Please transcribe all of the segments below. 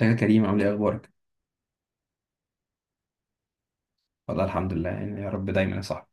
يا كريم، عامل ايه اخبارك؟ والله الحمد لله، يا رب دايما يا صاحبي.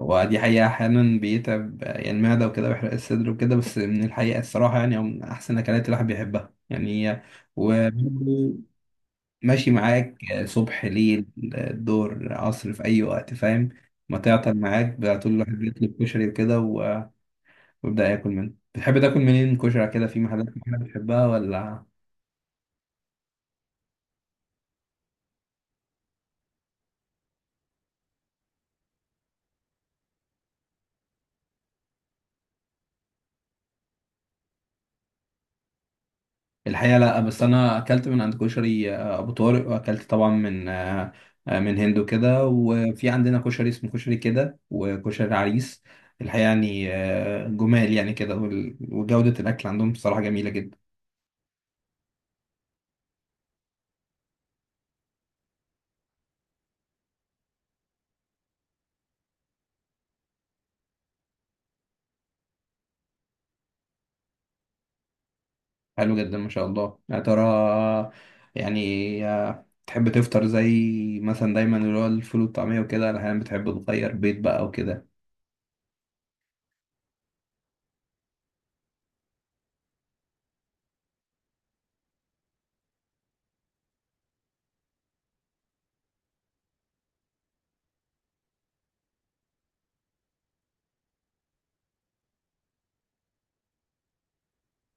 هو دي حقيقة أحيانا بيتعب يعني المعدة وكده، ويحرق الصدر وكده. بس من الحقيقة الصراحة يعني هو من أحسن أكلات الواحد بيحبها يعني وبرضه ماشي معاك صبح، ليل، دور، عصر، في أي وقت، فاهم. ما تعطل معاك بقى، طول الواحد بيطلب كشري وكده ويبدأ ياكل منه. بتحب تاكل منين كشري كده؟ في محلات معينة بتحبها ولا؟ الحقيقة لا، بس أنا أكلت من عند كشري أبو طارق، وأكلت طبعا من من هندو كده، وفي عندنا كشري اسمه كشري كده، وكشري عريس. الحقيقة يعني جمال يعني كده، وجودة الأكل عندهم بصراحة جميلة جدا. حلو جدا ما شاء الله. يا ترى يعني تحب تفطر زي مثلا دايما اللي هو الفول والطعمية وكده، ولا أحيانا بتحب تغير بيض بقى وكده؟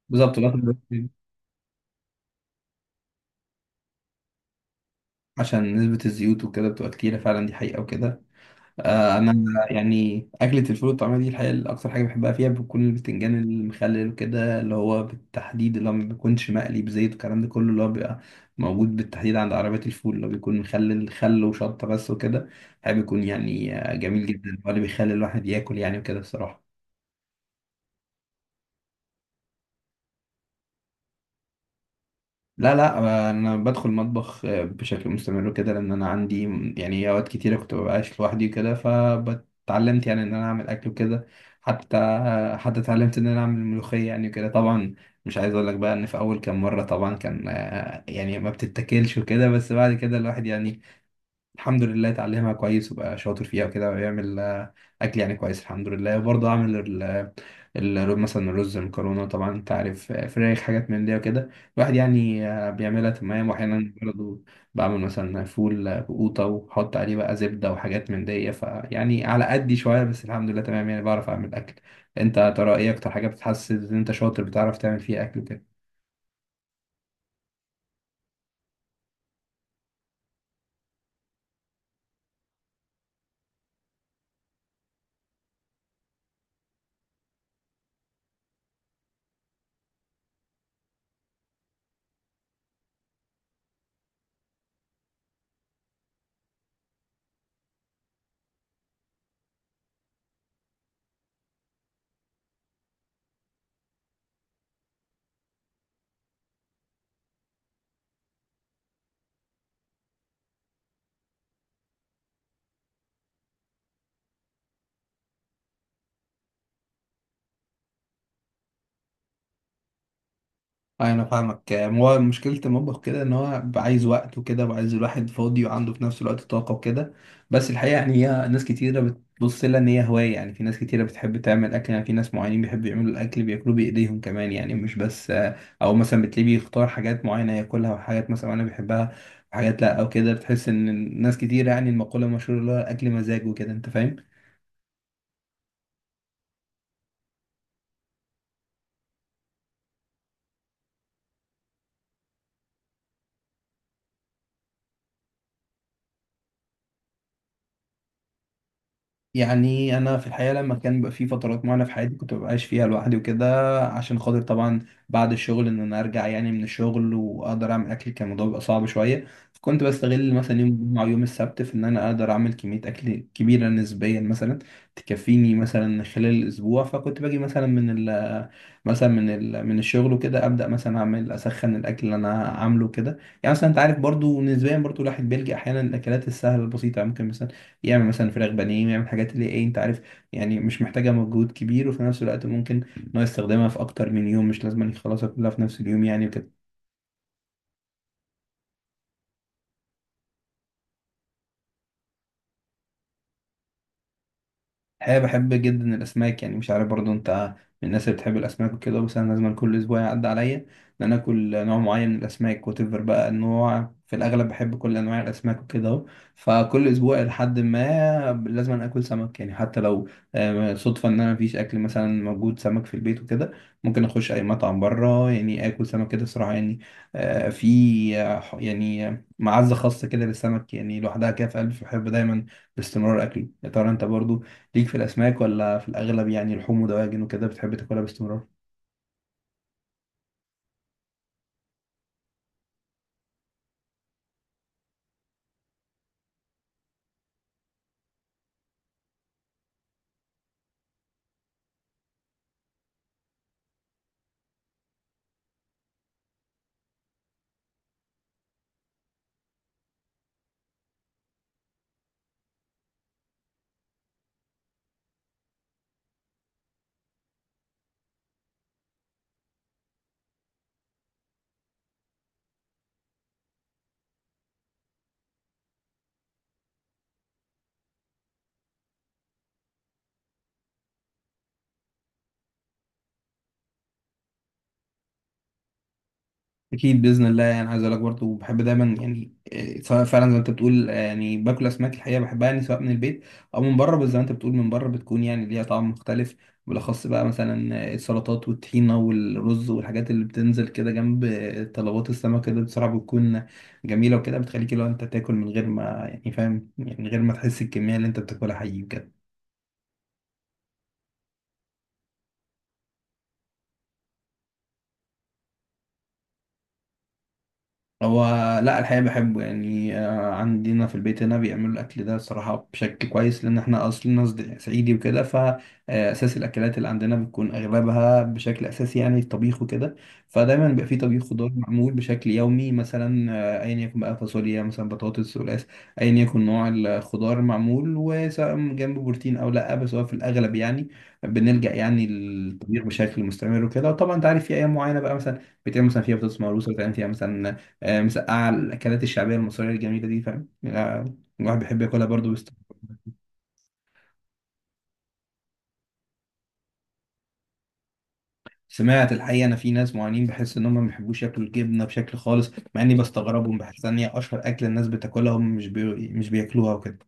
بالظبط، باكل بيض عشان نسبة الزيوت وكده بتبقى كتيرة فعلا، دي حقيقة وكده. انا يعني اكله الفول والطعميه دي الحقيقه اكتر حاجه بحبها فيها بتكون البتنجان المخلل وكده، اللي هو بالتحديد اللي هو ما بيكونش مقلي بزيت والكلام ده كله، اللي هو بيبقى موجود بالتحديد عند عربيات الفول، اللي هو بيكون مخلل خل وشطه بس وكده. الحقيقه بيكون يعني جميل جدا، هو اللي بيخلي الواحد ياكل يعني وكده الصراحه. لا لا، انا بدخل المطبخ بشكل مستمر كده، لان انا عندي يعني اوقات كتيره كنت ببقاش لوحدي كده، فاتعلمت يعني ان انا اعمل اكل وكده. حتى اتعلمت ان انا اعمل ملوخيه يعني كده. طبعا مش عايز اقول لك بقى ان في اول كام مره طبعا كان يعني ما بتتاكلش وكده، بس بعد كده الواحد يعني الحمد لله اتعلمها كويس، وبقى شاطر فيها وكده، ويعمل اكل يعني كويس الحمد لله. وبرضه اعمل مثلا الرز، المكرونه، طبعا انت عارف، فراخ، حاجات من دي وكده. الواحد يعني بيعملها تمام. واحيانا برضه بعمل مثلا فول بقوطه، وبحط عليه بقى زبده وحاجات من دي، فيعني على قدي شويه بس الحمد لله تمام، يعني بعرف اعمل اكل. انت يا ترى ايه اكتر حاجه بتحسس ان انت شاطر بتعرف تعمل فيها اكل؟ أيوة، انا فاهمك. هو مشكله المطبخ كده ان هو عايز وقت وكده، وعايز الواحد فاضي وعنده في نفس الوقت طاقه وكده. بس الحقيقه يعني هي ناس كتيره بتبص لها ان هي هوايه، يعني في ناس كتيره بتحب تعمل اكل، يعني في ناس معينين بيحبوا يعملوا الاكل بياكلوه بايديهم كمان يعني مش بس. او مثلا بتلاقيه بيختار حاجات معينه ياكلها، وحاجات مثلا انا بيحبها وحاجات لا، او كده بتحس ان الناس كتير، يعني المقوله المشهوره اللي هو الاكل مزاج وكده، انت فاهم. يعني انا في الحقيقه لما كان بيبقى في فترات معينه في حياتي كنت ببقاش فيها لوحدي وكده، عشان خاطر طبعا بعد الشغل ان انا ارجع يعني من الشغل واقدر اعمل اكل، كان الموضوع بيبقى صعب شويه. فكنت بستغل مثلا يوم الجمعه ويوم السبت في ان انا اقدر اعمل كميه اكل كبيره نسبيا مثلا، تكفيني مثلا خلال الاسبوع. فكنت باجي مثلا من الشغل وكده، ابدا مثلا اعمل اسخن الاكل اللي انا عامله كده. يعني مثلا انت عارف برضو نسبيا، برضو الواحد بيلجأ احيانا الاكلات السهله البسيطه، يعني ممكن مثلا يعمل مثلا فراخ بانيه، يعمل حاجات اللي ايه انت عارف، يعني مش محتاجة مجهود كبير، وفي نفس الوقت ممكن ان هو يستخدمها في اكتر من يوم، مش لازم يخلصها كلها في نفس اليوم يعني وكده. الحقيقة بحب جدا الأسماك، يعني مش عارف برضو أنت من الناس اللي بتحب الأسماك وكده، بس أنا لازم كل أسبوع يعدي عليا إن أنا آكل نوع معين من الأسماك، وتفر بقى النوع. في الأغلب بحب كل أنواع الأسماك وكده أهو، فكل أسبوع لحد ما لازم آكل سمك يعني. حتى لو صدفة إن أنا مفيش أكل مثلا موجود سمك في البيت وكده، ممكن أخش أي مطعم بره يعني آكل سمك كده صراحة يعني. في يعني معزة خاصة كده للسمك يعني، لوحدها كده في قلبي، بحب دايما باستمرار أكله. يا ترى أنت برضو ليك في الأسماك، ولا في الأغلب يعني لحوم ودواجن وكده بتحب تاكلها باستمرار؟ أكيد بإذن الله. يعني عايز أقول لك برضه بحب دايما يعني إيه، سواء فعلا زي ما أنت بتقول يعني باكل أسماك الحقيقة بحبها، يعني سواء من البيت أو من بره، بس زي ما أنت بتقول من بره بتكون يعني ليها طعم مختلف. بالأخص بقى مثلا السلطات والطحينة والرز والحاجات اللي بتنزل كده جنب طلبات السمك كده، بصراحة بتكون جميلة وكده، بتخليك لو أنت تاكل من غير ما يعني فاهم، يعني من غير ما تحس الكمية اللي أنت بتاكلها حقيقي بجد. هو لا، الحقيقة بحبه يعني. عندنا في البيت هنا بيعملوا الأكل ده صراحة بشكل كويس، لأن احنا أصلنا صعيدي وكده، فأساس الأكلات اللي عندنا بتكون أغلبها بشكل أساسي يعني الطبيخ وكده. فدايما بيبقى في طبيخ خضار معمول بشكل يومي مثلا، أيا يكن بقى، فاصوليا مثلا، بطاطس، قلقاس، أيا يكن نوع الخضار معمول، وسواء جنبه بروتين أو لأ. بس هو في الأغلب يعني بنلجأ يعني للطبيخ بشكل مستمر وكده. وطبعا أنت عارف في أيام معينة بقى مثلا بتعمل مثلا فيها بطاطس مهروسة، بتعمل فيها مثلا مسقعة، الأكلات الشعبية المصرية الجميلة دي، فاهم يعني، الواحد بيحب ياكلها برضه بس. سمعت الحقيقة، أنا في ناس معينين بحس إن هم ما بيحبوش ياكلوا الجبنة بشكل خالص، مع إني بستغربهم بحس إن هي أشهر أكل الناس بتاكلها، هم مش بياكلوها وكده.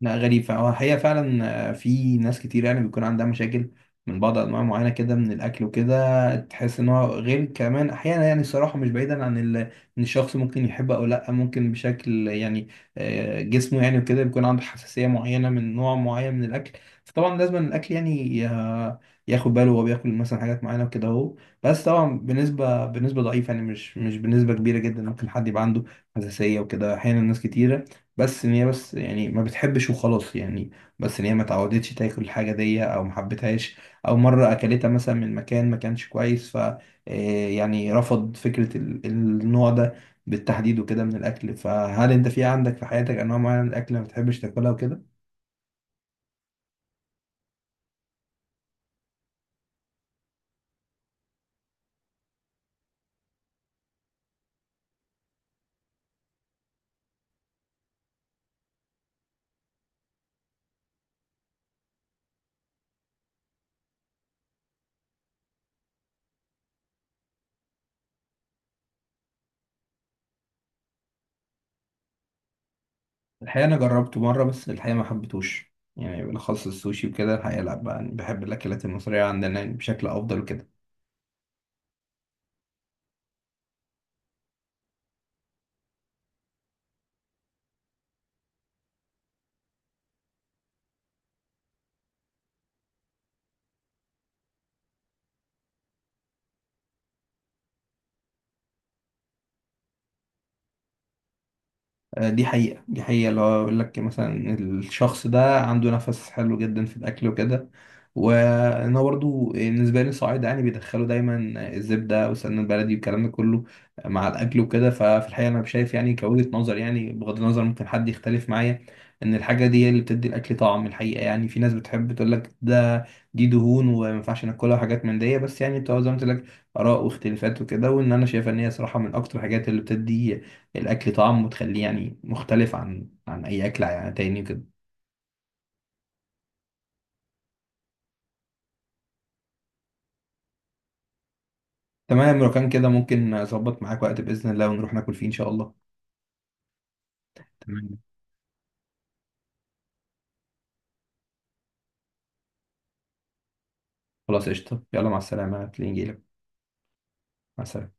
لا غريب، فهو الحقيقة فعلا في ناس كتير يعني بيكون عندها مشاكل من بعض أنواع معينة كده من الأكل وكده، تحس إن هو غير كمان أحيانا يعني. الصراحة مش بعيدا عن إن الشخص ممكن يحب أو لأ، ممكن بشكل يعني جسمه يعني وكده بيكون عنده حساسية معينة من نوع معين من الأكل، فطبعا لازم الأكل يعني ياخد باله وهو بياكل مثلا حاجات معينة وكده أهو. بس طبعا بنسبة ضعيفة يعني، مش بنسبة كبيرة جدا، ممكن حد يبقى عنده حساسية وكده أحيانا ناس كتيرة بس ان هي بس يعني ما بتحبش وخلاص يعني، بس ان هي ما اتعودتش تاكل الحاجه دي او ما حبتهاش، او مره اكلتها مثلا من مكان ما كانش كويس، ف يعني رفض فكره النوع ده بالتحديد وكده من الاكل. فهل انت في عندك في حياتك انواع معينه من الاكل ما بتحبش تاكلها وكده؟ الحقيقه انا جربته مره بس الحقيقه ما حبيتهوش يعني، بالاخص السوشي وكده. الحقيقه لا بحب الاكلات المصريه عندنا يعني بشكل افضل وكده. دي حقيقة دي حقيقة، اللي هو يقول لك مثلا الشخص ده عنده نفس حلو جدا في الأكل وكده. وأنا برضو بالنسبة لي الصعايدة يعني بيدخلوا دايما الزبدة والسمنة البلدي والكلام ده كله مع الأكل وكده، ففي الحقيقة أنا شايف يعني كوجهة نظر، يعني بغض النظر ممكن حد يختلف معايا، إن الحاجة دي هي اللي بتدي الأكل طعم الحقيقة يعني. في ناس بتحب تقول لك ده دي دهون وما ينفعش ناكلها وحاجات من دي، بس يعني بتبقى زي ما قلت لك آراء واختلافات وكده، وإن أنا شايف إن هي صراحة من أكتر الحاجات اللي بتدي الاكل طعم وتخليه يعني مختلف عن اي اكل يعني تاني كده. تمام، لو كان كده ممكن اظبط معاك وقت باذن الله ونروح ناكل فيه ان شاء الله. تمام، خلاص قشطه، يلا مع السلامه، هتلاقيني جايلك. مع السلامه.